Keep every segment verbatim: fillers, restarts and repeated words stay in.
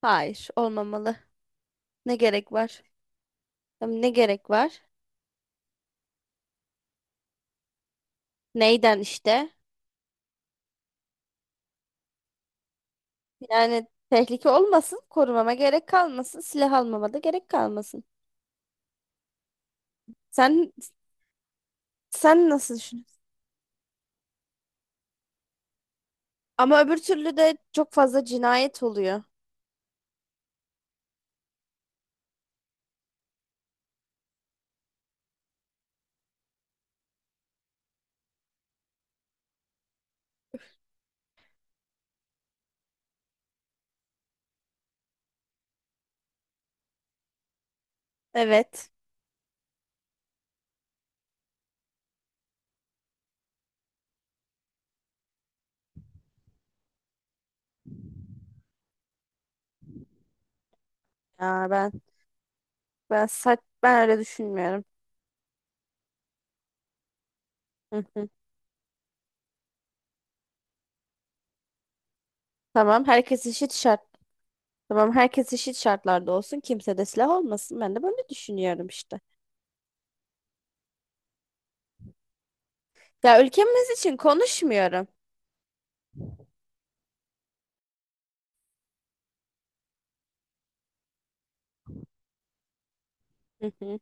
Hayır, olmamalı. Ne gerek var? Tam ne gerek var? Neyden işte? Yani tehlike olmasın, korumama gerek kalmasın, silah almama da gerek kalmasın. Sen sen nasıl düşünüyorsun? Ama öbür türlü de çok fazla cinayet oluyor. Evet. Ya ben Ben saç ben öyle düşünmüyorum. Hı hı. Tamam, herkes eşit şart. Tamam, herkes eşit şartlarda olsun. Kimse de silah olmasın. Ben de böyle düşünüyorum işte. Ya, ülkemiz için konuşmuyorum. Hı hı.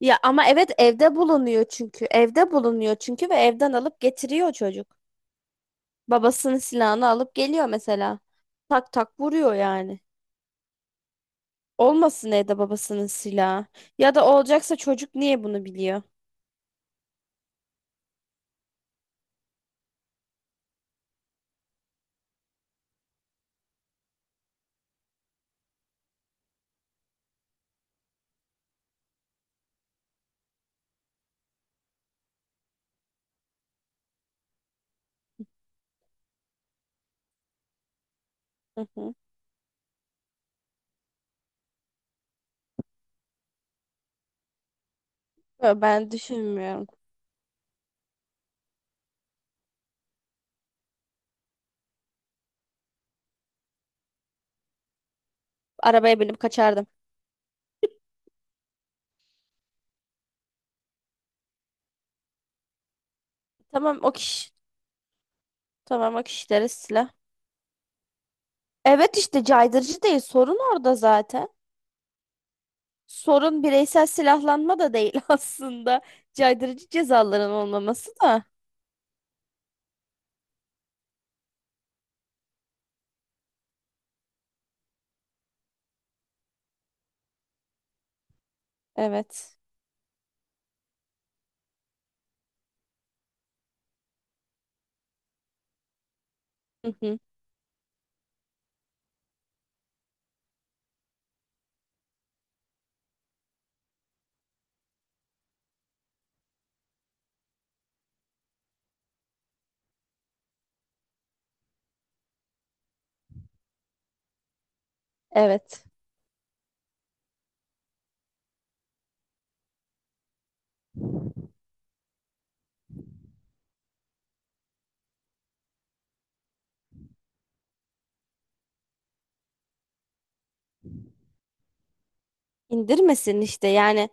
Ya ama evet, evde bulunuyor çünkü. Evde bulunuyor çünkü, ve evden alıp getiriyor çocuk. Babasının silahını alıp geliyor mesela. Tak tak vuruyor yani. Olmasın Eda, babasının silahı. Ya da olacaksa çocuk niye bunu biliyor? Hı hı. Yo, ben düşünmüyorum. Arabaya binip kaçardım. Tamam, o kişi. Tamam, o kişilere silah. Evet işte, caydırıcı değil. Sorun orada zaten. Sorun bireysel silahlanma da değil aslında. Caydırıcı cezaların olmaması da. Evet. Hı hı. Evet. İndirmesin işte yani.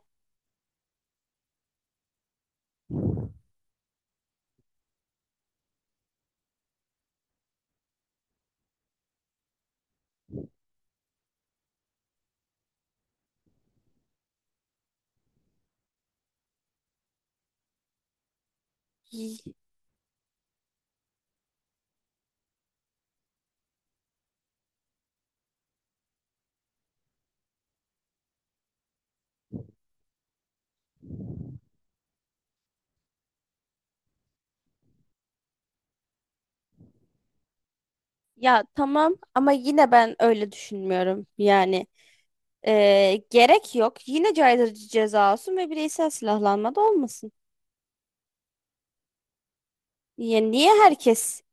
Y- Ya tamam, ama yine ben öyle düşünmüyorum yani, e, gerek yok, yine caydırıcı ceza olsun ve bireysel silahlanma da olmasın. Yani niye herkes...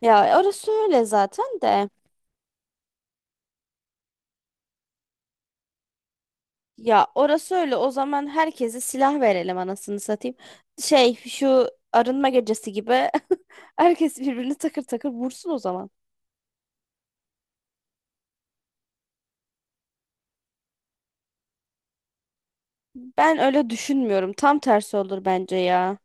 Ya, orası öyle zaten de. Ya, orası öyle. O zaman herkese silah verelim anasını satayım. Şey şu arınma gecesi gibi herkes birbirini takır takır vursun o zaman. Ben öyle düşünmüyorum. Tam tersi olur bence ya.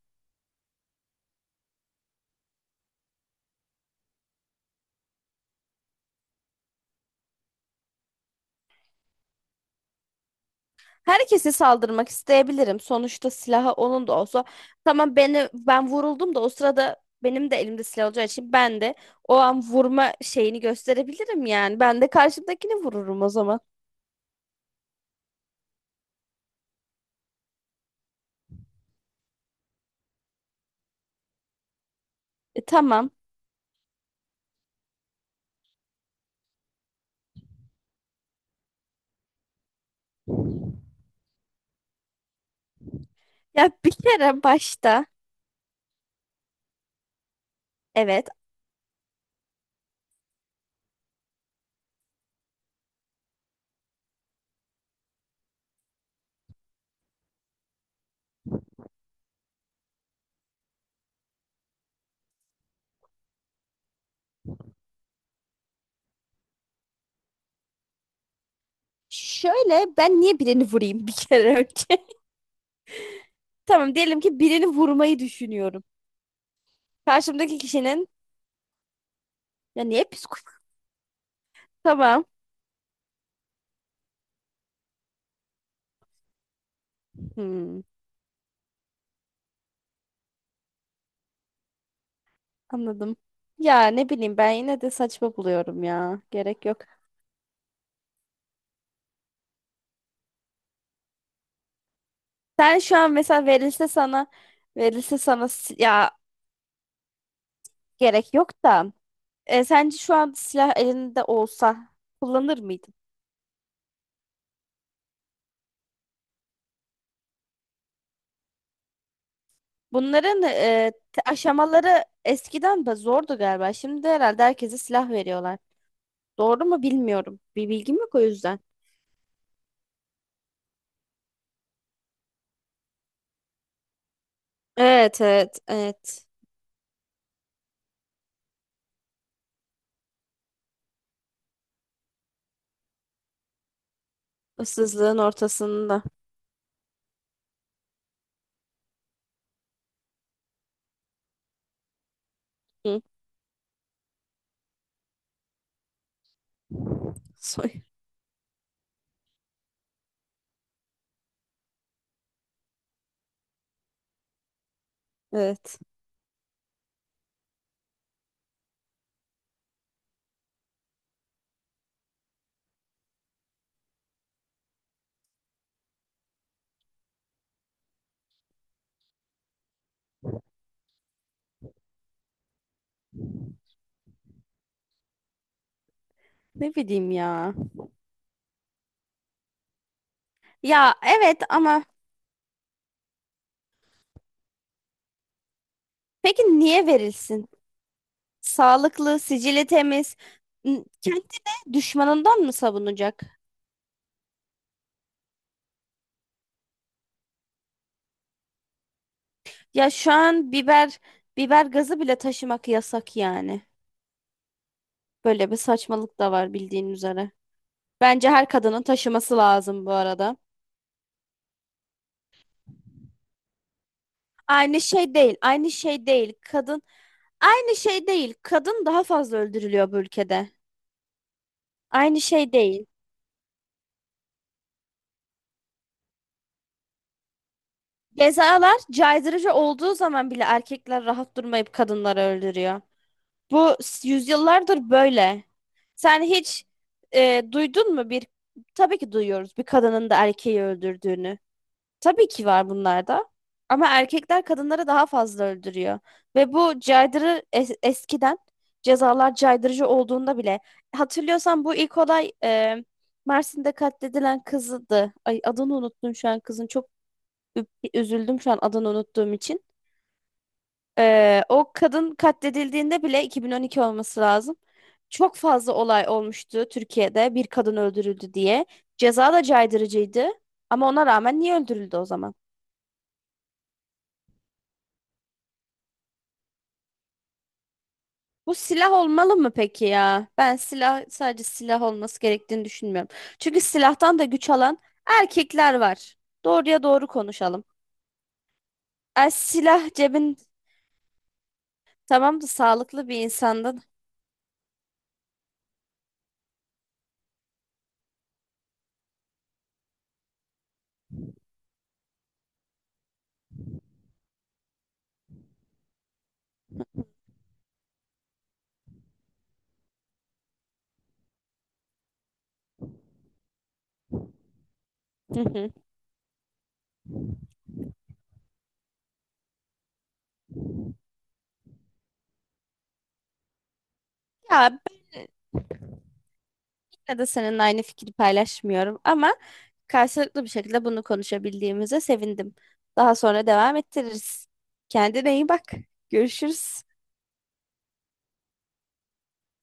Herkese saldırmak isteyebilirim. Sonuçta silahı onun da olsa. Tamam, beni ben vuruldum da, o sırada benim de elimde silah olacağı için ben de o an vurma şeyini gösterebilirim yani. Ben de karşımdakini vururum o zaman. E, tamam. Ya bir kere başta, evet. Şöyle, ben niye birini vurayım bir kere önce? Tamam, diyelim ki birini vurmayı düşünüyorum. Karşımdaki kişinin... Ya niye psikopat? Tamam. Hmm, anladım. Ya ne bileyim, ben yine de saçma buluyorum ya. Gerek yok. Sen şu an mesela verilse sana verilse sana si- ya, gerek yok da, e, sence şu an silah elinde olsa kullanır mıydın? Bunların e, te- aşamaları eskiden de zordu galiba. Şimdi herhalde herkese silah veriyorlar. Doğru mu bilmiyorum. Bir bilgim yok o yüzden. Evet, evet, evet. Issızlığın ortasında. Hı. Soy. Evet. Ne bileyim ya. Ya evet, ama peki niye verilsin? Sağlıklı, sicili temiz. N- Kendini düşmanından mı savunacak? Ya şu an biber biber gazı bile taşımak yasak yani. Böyle bir saçmalık da var, bildiğin üzere. Bence her kadının taşıması lazım bu arada. Aynı şey değil, aynı şey değil. Kadın aynı şey değil. Kadın daha fazla öldürülüyor bu ülkede. Aynı şey değil. Cezalar caydırıcı olduğu zaman bile erkekler rahat durmayıp kadınları öldürüyor. Bu s- yüzyıllardır böyle. Sen hiç e, duydun mu bir... Tabii ki duyuyoruz bir kadının da erkeği öldürdüğünü. Tabii ki var bunlarda. Ama erkekler kadınları daha fazla öldürüyor. Ve bu caydırı es- eskiden, cezalar caydırıcı olduğunda bile, hatırlıyorsan bu ilk olay, e, Mersin'de katledilen kızdı. Ay, adını unuttum şu an kızın. Çok ü- üzüldüm şu an adını unuttuğum için. E, o kadın katledildiğinde bile iki bin on iki olması lazım. Çok fazla olay olmuştu Türkiye'de bir kadın öldürüldü diye. Ceza da caydırıcıydı. Ama ona rağmen niye öldürüldü o zaman? Bu silah olmalı mı peki ya? Ben silah, sadece silah olması gerektiğini düşünmüyorum. Çünkü silahtan da güç alan erkekler var. Doğruya doğru konuşalım. E, silah cebin, tamam da, sağlıklı bir insandan. Hı hı. Ya ben yine de seninle aynı fikri paylaşmıyorum, ama karşılıklı bir şekilde bunu konuşabildiğimize sevindim. Daha sonra devam ettiririz. Kendine iyi bak. Görüşürüz.